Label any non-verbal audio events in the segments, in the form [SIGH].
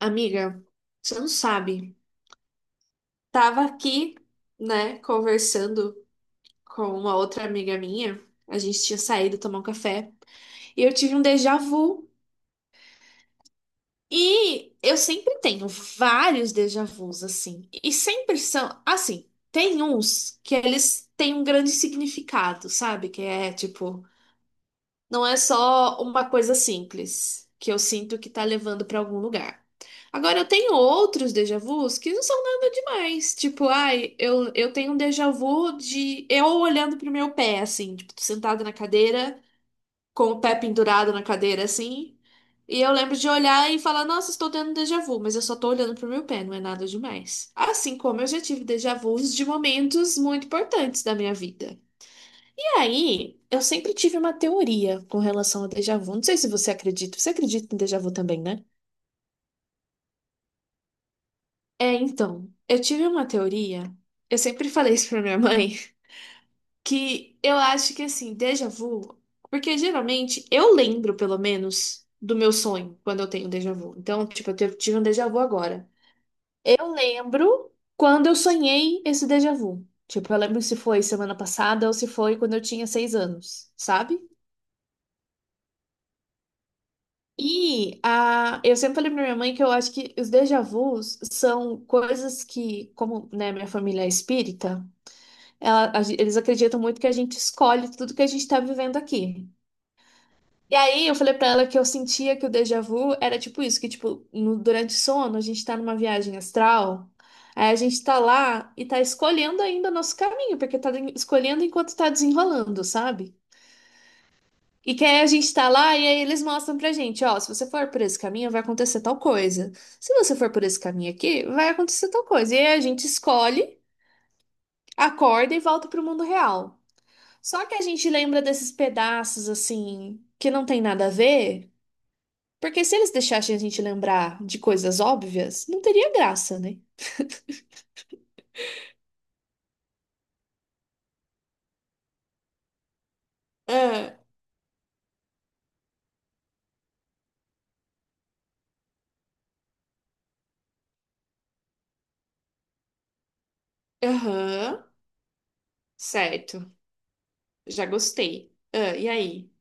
Amiga, você não sabe. Tava aqui, né, conversando com uma outra amiga minha. A gente tinha saído tomar um café. E eu tive um déjà vu. E eu sempre tenho vários déjà vus, assim. E sempre são, assim, tem uns que eles têm um grande significado, sabe? Que é tipo. Não é só uma coisa simples que eu sinto que tá levando pra algum lugar. Agora, eu tenho outros déjà vus que não são nada demais. Tipo, ai, eu tenho um déjà vu de eu olhando pro meu pé, assim, tipo, tô sentada na cadeira, com o pé pendurado na cadeira, assim. E eu lembro de olhar e falar, nossa, estou tendo déjà vu, mas eu só tô olhando pro meu pé, não é nada demais. Assim como eu já tive déjà vus de momentos muito importantes da minha vida. E aí, eu sempre tive uma teoria com relação ao déjà vu. Não sei se você acredita. Você acredita em déjà vu também, né? É, então, eu tive uma teoria. Eu sempre [LAUGHS] falei isso pra minha mãe, [LAUGHS] que eu acho que assim, déjà vu, porque geralmente eu lembro, pelo menos, do meu sonho quando eu tenho déjà vu. Então, tipo, eu tive um déjà vu agora. Eu lembro quando eu sonhei esse déjà vu. Tipo, eu lembro se foi semana passada ou se foi quando eu tinha 6 anos, sabe? E eu sempre falei pra minha mãe que eu acho que os déjà vus são coisas que, como, né, minha família é espírita, eles acreditam muito que a gente escolhe tudo que a gente tá vivendo aqui. E aí eu falei pra ela que eu sentia que o déjà vu era tipo isso, que tipo, durante o sono a gente tá numa viagem astral, aí a gente tá lá e tá escolhendo ainda o nosso caminho, porque tá escolhendo enquanto tá desenrolando, sabe? E que aí a gente tá lá e aí eles mostram pra gente, ó, se você for por esse caminho, vai acontecer tal coisa. Se você for por esse caminho aqui, vai acontecer tal coisa. E aí a gente escolhe, acorda e volta pro mundo real. Só que a gente lembra desses pedaços assim que não tem nada a ver, porque se eles deixassem a gente lembrar de coisas óbvias, não teria graça, né? Ah, aham, certo. Já gostei. Ah, e aí?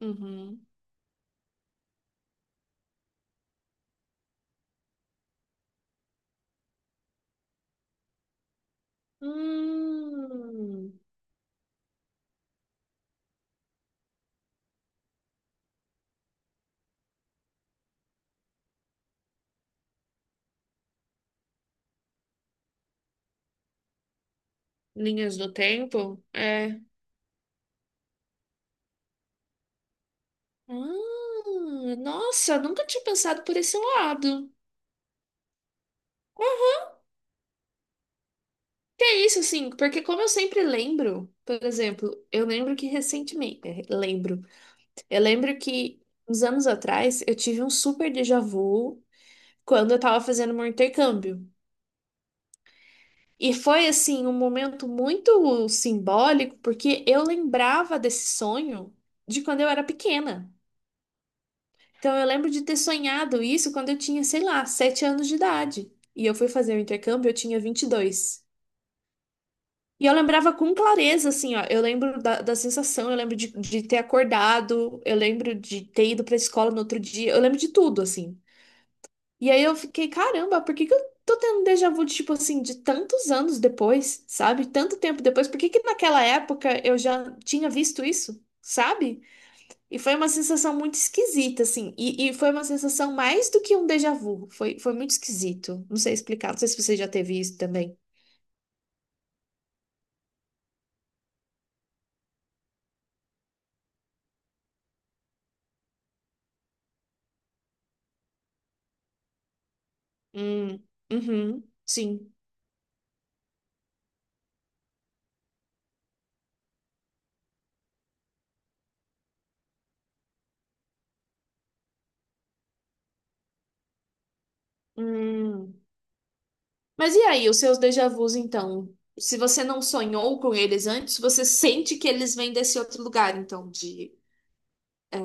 Uhum. Hum, linhas do tempo? É. Ah, nossa, nunca tinha pensado por esse lado. Que é isso, assim, porque como eu sempre lembro, por exemplo, eu lembro que recentemente, eu lembro que uns anos atrás eu tive um super déjà vu quando eu tava fazendo meu intercâmbio. E foi, assim, um momento muito simbólico, porque eu lembrava desse sonho de quando eu era pequena. Então eu lembro de ter sonhado isso quando eu tinha, sei lá, 7 anos de idade. E eu fui fazer o intercâmbio, eu tinha 22. E eu lembrava com clareza, assim, ó. Eu lembro da sensação, eu lembro de ter acordado, eu lembro de ter ido pra escola no outro dia, eu lembro de tudo, assim. E aí eu fiquei, caramba, por que que eu tô tendo um déjà vu, de, tipo assim, de tantos anos depois, sabe? Tanto tempo depois, por que que naquela época eu já tinha visto isso, sabe? E foi uma sensação muito esquisita, assim. E foi uma sensação mais do que um déjà vu. Foi, foi muito esquisito. Não sei explicar, não sei se você já teve isso também. Hum, uhum, sim. Hum. Mas e aí, os seus déjà vus, então? Se você não sonhou com eles antes, você sente que eles vêm desse outro lugar, então, de... É.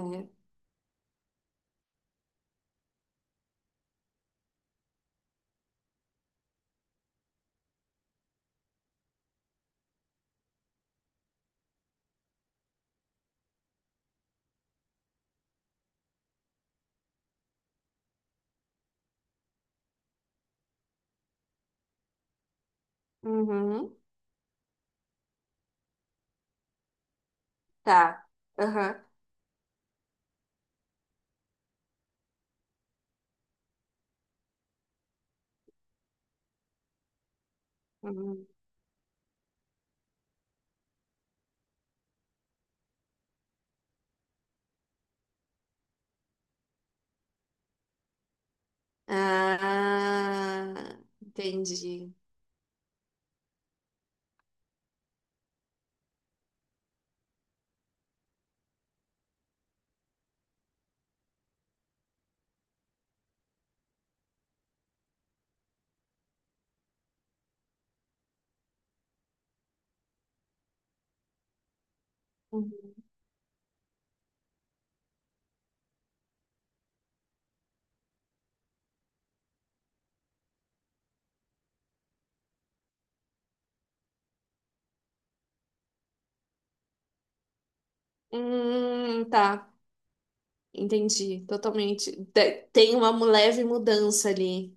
Uhum. Tá. Aham. Uhum. Ah, entendi. Uhum. Tá. Entendi, totalmente. Tem uma leve mudança ali.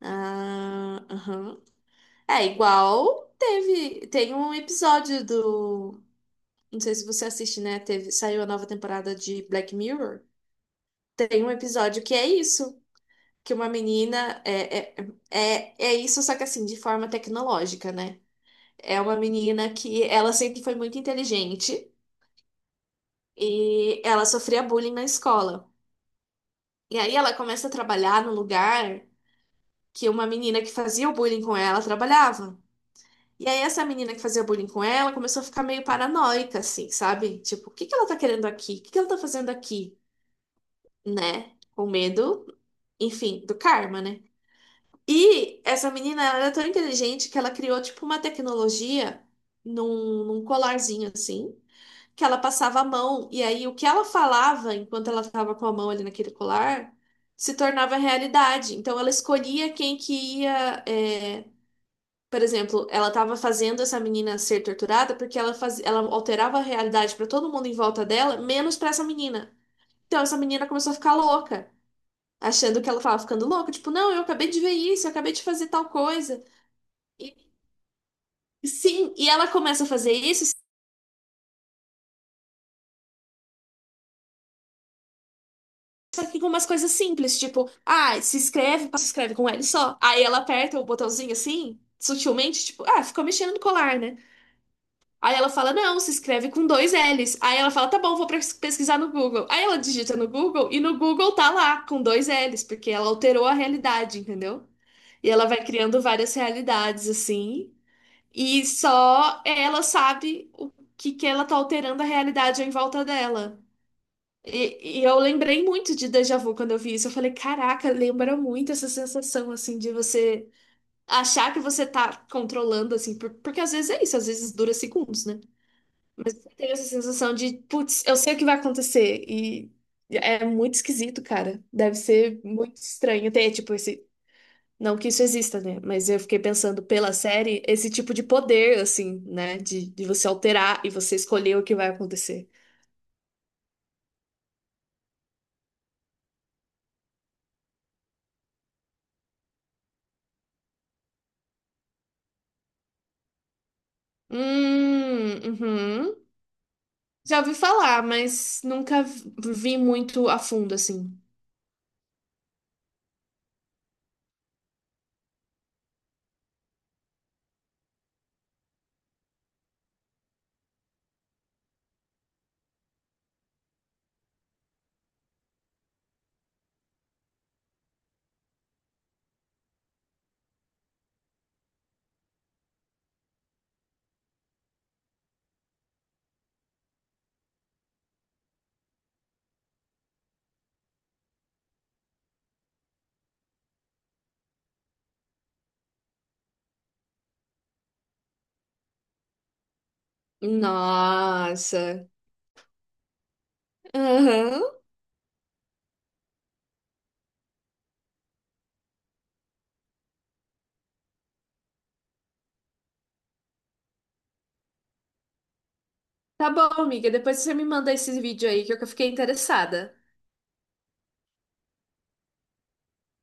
Ah, aham. É igual teve, tem um episódio do Não sei se você assiste, né? Teve, saiu a nova temporada de Black Mirror. Tem um episódio que é isso, que uma menina é isso, só que assim, de forma tecnológica, né? É uma menina que ela sempre foi muito inteligente e ela sofria bullying na escola. E aí ela começa a trabalhar no lugar que uma menina que fazia o bullying com ela trabalhava. E aí essa menina que fazia bullying com ela começou a ficar meio paranoica, assim, sabe? Tipo, o que que ela tá querendo aqui? O que que ela tá fazendo aqui? Né? Com medo, enfim, do karma, né? E essa menina, ela era tão inteligente que ela criou, tipo, uma tecnologia num colarzinho assim, que ela passava a mão, e aí o que ela falava enquanto ela estava com a mão ali naquele colar se tornava realidade. Então ela escolhia quem que ia. Por exemplo, ela estava fazendo essa menina ser torturada porque ela alterava a realidade para todo mundo em volta dela, menos para essa menina. Então essa menina começou a ficar louca achando que ela tava ficando louca, tipo, não, eu acabei de ver isso, eu acabei de fazer tal coisa. E sim, e ela começa a fazer isso, só que com umas coisas simples, tipo, ah, se inscreve, se inscreve com L só. Aí ela aperta o botãozinho assim, sutilmente, tipo, ah, ficou mexendo no colar, né? Aí ela fala, não, se escreve com dois L's. Aí ela fala, tá bom, vou pesquisar no Google. Aí ela digita no Google e no Google tá lá, com dois L's, porque ela alterou a realidade, entendeu? E ela vai criando várias realidades, assim. E só ela sabe o que que ela tá alterando a realidade em volta dela. E eu lembrei muito de déjà vu quando eu vi isso. Eu falei, caraca, lembra muito essa sensação, assim, de você achar que você tá controlando, assim, porque às vezes é isso, às vezes dura segundos, né? Tem essa sensação de, putz, eu sei o que vai acontecer. E é muito esquisito, cara. Deve ser muito estranho ter, tipo, esse não que isso exista, né? Mas eu fiquei pensando pela série, esse tipo de poder, assim, né? De você alterar e você escolher o que vai acontecer. Hum, uhum. Já ouvi falar, mas nunca vi muito a fundo, assim. Nossa. Aham. Tá bom, amiga. Depois você me manda esse vídeo aí que eu fiquei interessada.